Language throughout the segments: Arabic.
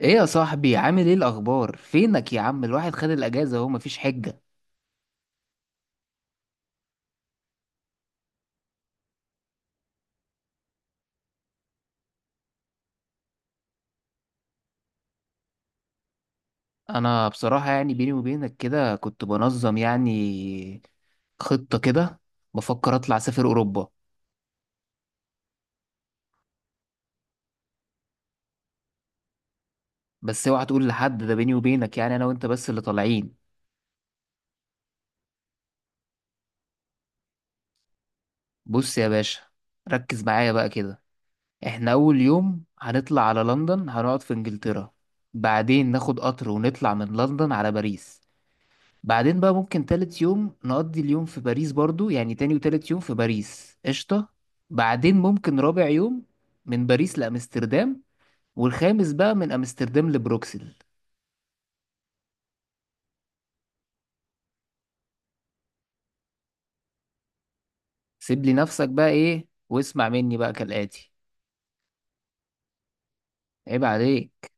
ايه يا صاحبي، عامل ايه؟ الاخبار، فينك يا عم؟ الواحد خد الاجازه اهو، مفيش حجه. انا بصراحه يعني بيني وبينك كده كنت بنظم يعني خطه كده. بفكر اطلع اسافر اوروبا. بس اوعى تقول لحد، ده بيني وبينك، يعني انا وانت بس اللي طالعين. بص يا باشا، ركز معايا بقى كده. احنا اول يوم هنطلع على لندن، هنقعد في انجلترا. بعدين ناخد قطر ونطلع من لندن على باريس. بعدين بقى ممكن تالت يوم نقضي اليوم في باريس برضو، يعني تاني وتالت يوم في باريس قشطة. بعدين ممكن رابع يوم من باريس لأمستردام، والخامس بقى من أمستردام لبروكسل. سيب لي نفسك بقى إيه واسمع مني بقى كالآتي. عيب عليك.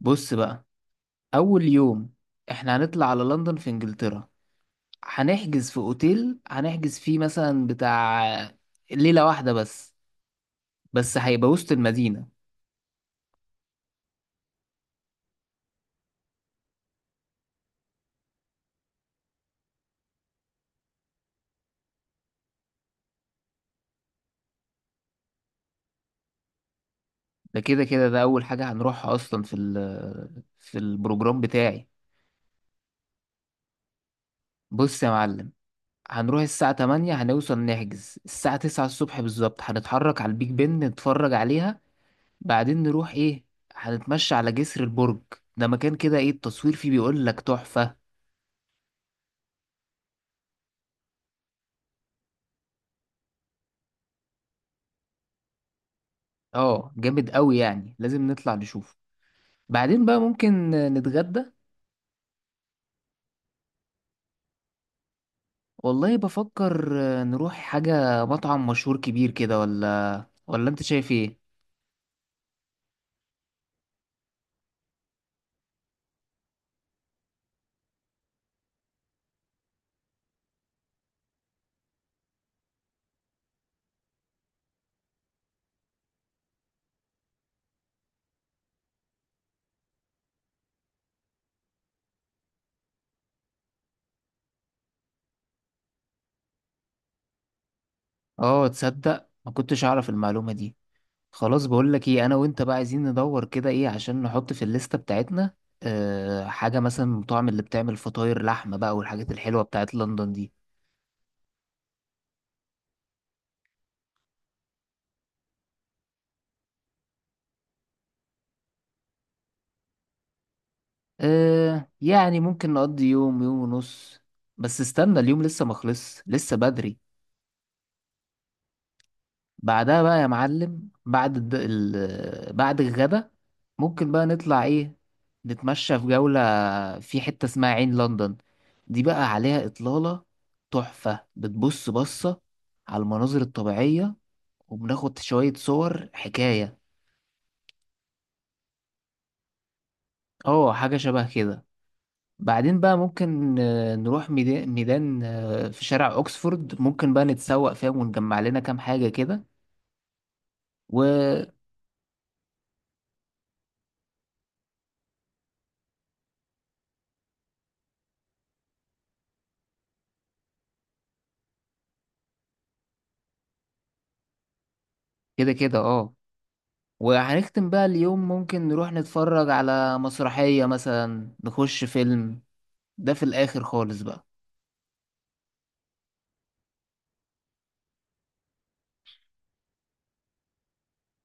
بص بقى، أول يوم إحنا هنطلع على لندن في إنجلترا. هنحجز في أوتيل، هنحجز فيه مثلا بتاع ليلة واحدة بس، بس هيبقى وسط المدينة. ده كده كده ده أول حاجة هنروحها أصلا في البروجرام بتاعي. بص يا معلم، هنروح الساعة 8 هنوصل، نحجز الساعة 9 الصبح بالظبط، هنتحرك على البيج بن نتفرج عليها. بعدين نروح إيه، هنتمشى على جسر البرج. ده مكان كده إيه، التصوير فيه بيقول لك تحفة. آه جامد أوي، يعني لازم نطلع نشوف. بعدين بقى ممكن نتغدى. والله بفكر نروح حاجة مطعم مشهور كبير كده، ولا أنت شايف إيه؟ اه، تصدق ما كنتش اعرف المعلومة دي. خلاص بقول لك ايه، انا وانت بقى عايزين ندور كده ايه عشان نحط في الليستة بتاعتنا. أه حاجة مثلا من المطاعم اللي بتعمل فطاير لحمة بقى والحاجات الحلوة بتاعت لندن دي. أه يعني ممكن نقضي يوم يوم ونص، بس استنى اليوم لسه ما خلص لسه بدري. بعدها بقى يا معلم، بعد الغدا ممكن بقى نطلع ايه، نتمشى في جولة في حتة اسمها عين لندن. دي بقى عليها إطلالة تحفة، بتبص بصة على المناظر الطبيعية وبناخد شوية صور حكاية. اه حاجة شبه كده. بعدين بقى ممكن نروح ميدان في شارع أوكسفورد، ممكن بقى نتسوق فيها ونجمع لنا كام حاجة كده وكده. كده اه. وهنختم بقى اليوم ممكن نروح نتفرج على مسرحية مثلا، نخش فيلم ده في الآخر خالص بقى.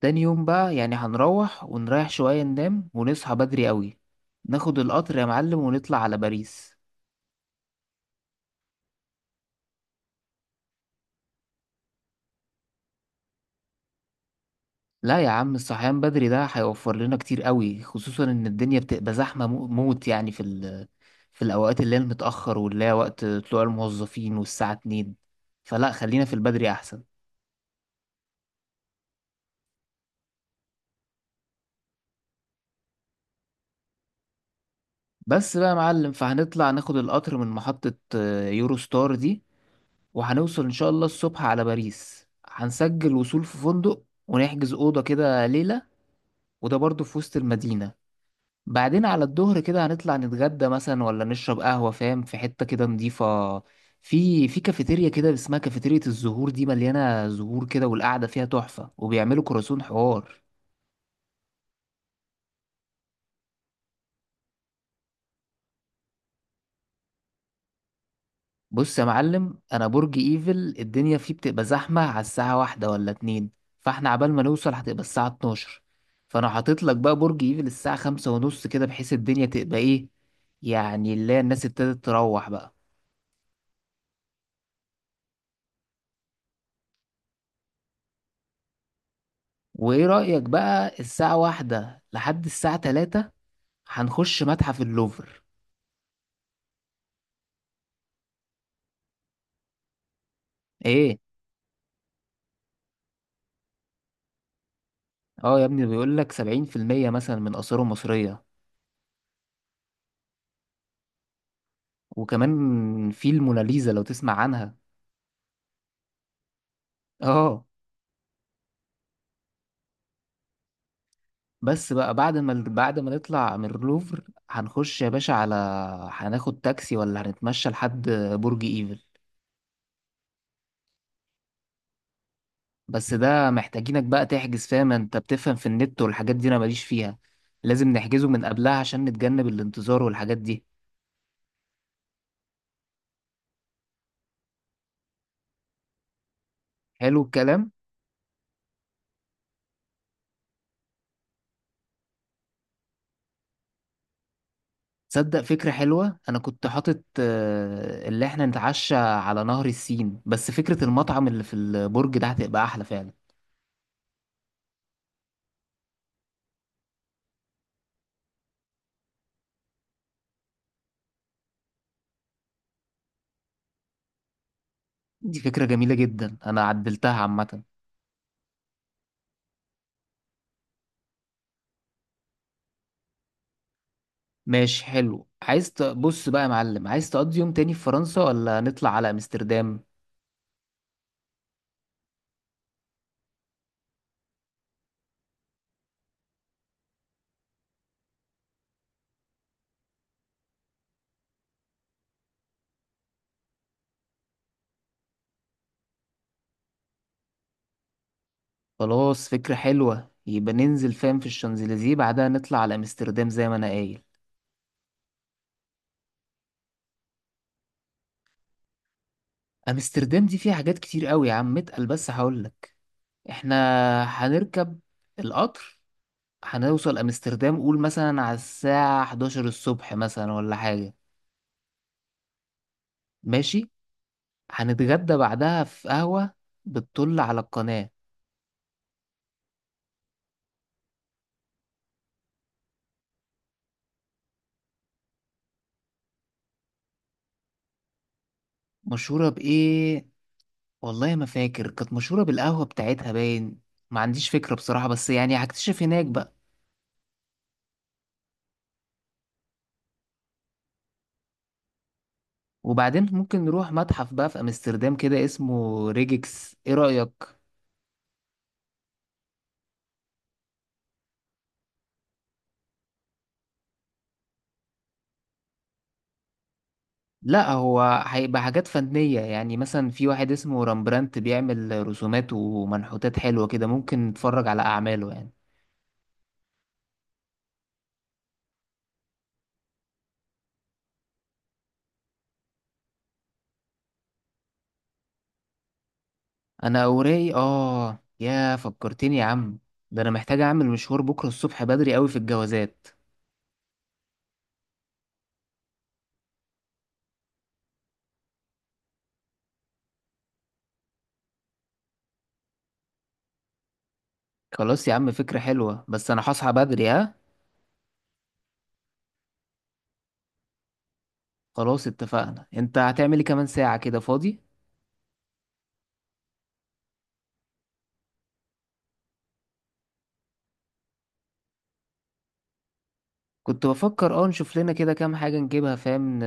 تاني يوم بقى يعني هنروح ونريح شوية، ننام ونصحى بدري قوي، ناخد القطر يا معلم ونطلع على باريس. لا يا عم، الصحيان بدري ده هيوفر لنا كتير قوي، خصوصا ان الدنيا بتبقى زحمة موت يعني في الأوقات اللي هي المتأخر، واللي هي وقت طلوع الموظفين والساعة اتنين، فلا خلينا في البدري أحسن. بس بقى يا معلم، فهنطلع ناخد القطر من محطة يورو ستار دي، وهنوصل إن شاء الله الصبح على باريس، هنسجل وصول في فندق ونحجز أوضة كده ليلة، وده برضه في وسط المدينة. بعدين على الظهر كده هنطلع نتغدى مثلا ولا نشرب قهوة فاهم، في حتة كده نضيفة، في كافيتيريا كده اسمها كافيتيريا الزهور، دي مليانة زهور كده والقعدة فيها تحفة، وبيعملوا كراسون حوار. بص يا معلم، انا برج ايفل الدنيا فيه بتبقى زحمه على الساعه واحدة ولا اتنين، فاحنا عبال ما نوصل هتبقى الساعه 12، فانا حاطط لك بقى برج ايفل الساعه 5:30 كده، بحيث الدنيا تبقى ايه، يعني اللي هي الناس ابتدت تروح بقى. وايه رايك بقى الساعه واحدة لحد الساعه 3 هنخش متحف اللوفر. ايه. اه، يا ابني بيقول لك 70% مثلا من اثاره مصريه. وكمان في الموناليزا لو تسمع عنها. اه. بس بقى، بعد ما نطلع من اللوفر هنخش يا باشا على، هناخد تاكسي ولا هنتمشى لحد برج ايفل. بس ده محتاجينك بقى تحجز، فاهم، انت بتفهم في النت والحاجات دي انا ماليش فيها، لازم نحجزه من قبلها عشان نتجنب الانتظار والحاجات دي. حلو الكلام. تصدق فكرة حلوة، انا كنت حاطط اللي احنا نتعشى على نهر السين، بس فكرة المطعم اللي في البرج ده هتبقى احلى فعلا. دي فكرة جميلة جدا، انا عدلتها عامة. ماشي حلو، عايز تبص بقى يا معلم، عايز تقضي يوم تاني في فرنسا ولا نطلع على امستردام؟ خلاص فكرة حلوة، يبقى ننزل فاهم في الشانزليزيه بعدها نطلع على امستردام زي ما انا قايل. امستردام دي فيها حاجات كتير قوي يا عم اتقل، بس هقولك. احنا هنركب القطر، هنوصل امستردام قول مثلا على الساعة 11 الصبح مثلا، ولا حاجة. ماشي. هنتغدى بعدها في قهوة بتطل على القناة. مشهورة بإيه؟ والله ما فاكر، كانت مشهورة بالقهوة بتاعتها باين، ما عنديش فكرة بصراحة بس يعني هكتشف هناك بقى. وبعدين ممكن نروح متحف بقى في أمستردام كده اسمه ريجكس، ايه رأيك؟ لا هو هيبقى حاجات فنية، يعني مثلا في واحد اسمه رامبرانت بيعمل رسومات ومنحوتات حلوة كده، ممكن نتفرج على أعماله يعني. أنا أوراي، آه يا فكرتني يا عم، ده أنا محتاج أعمل مشوار بكرة الصبح بدري أوي في الجوازات. خلاص يا عم، فكرة حلوة، بس أنا هصحى بدري ها. خلاص اتفقنا، انت هتعمل ايه كمان ساعة كده فاضي؟ كنت بفكر اه نشوف لنا كده كام حاجة نجيبها فاهم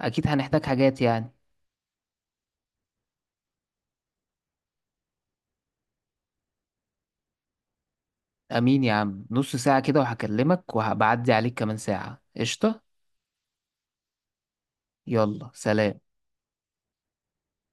اكيد هنحتاج حاجات يعني. امين يا عم، نص ساعة كده وهكلمك، وهبعدي عليك كمان ساعة قشطة. يلا سلام.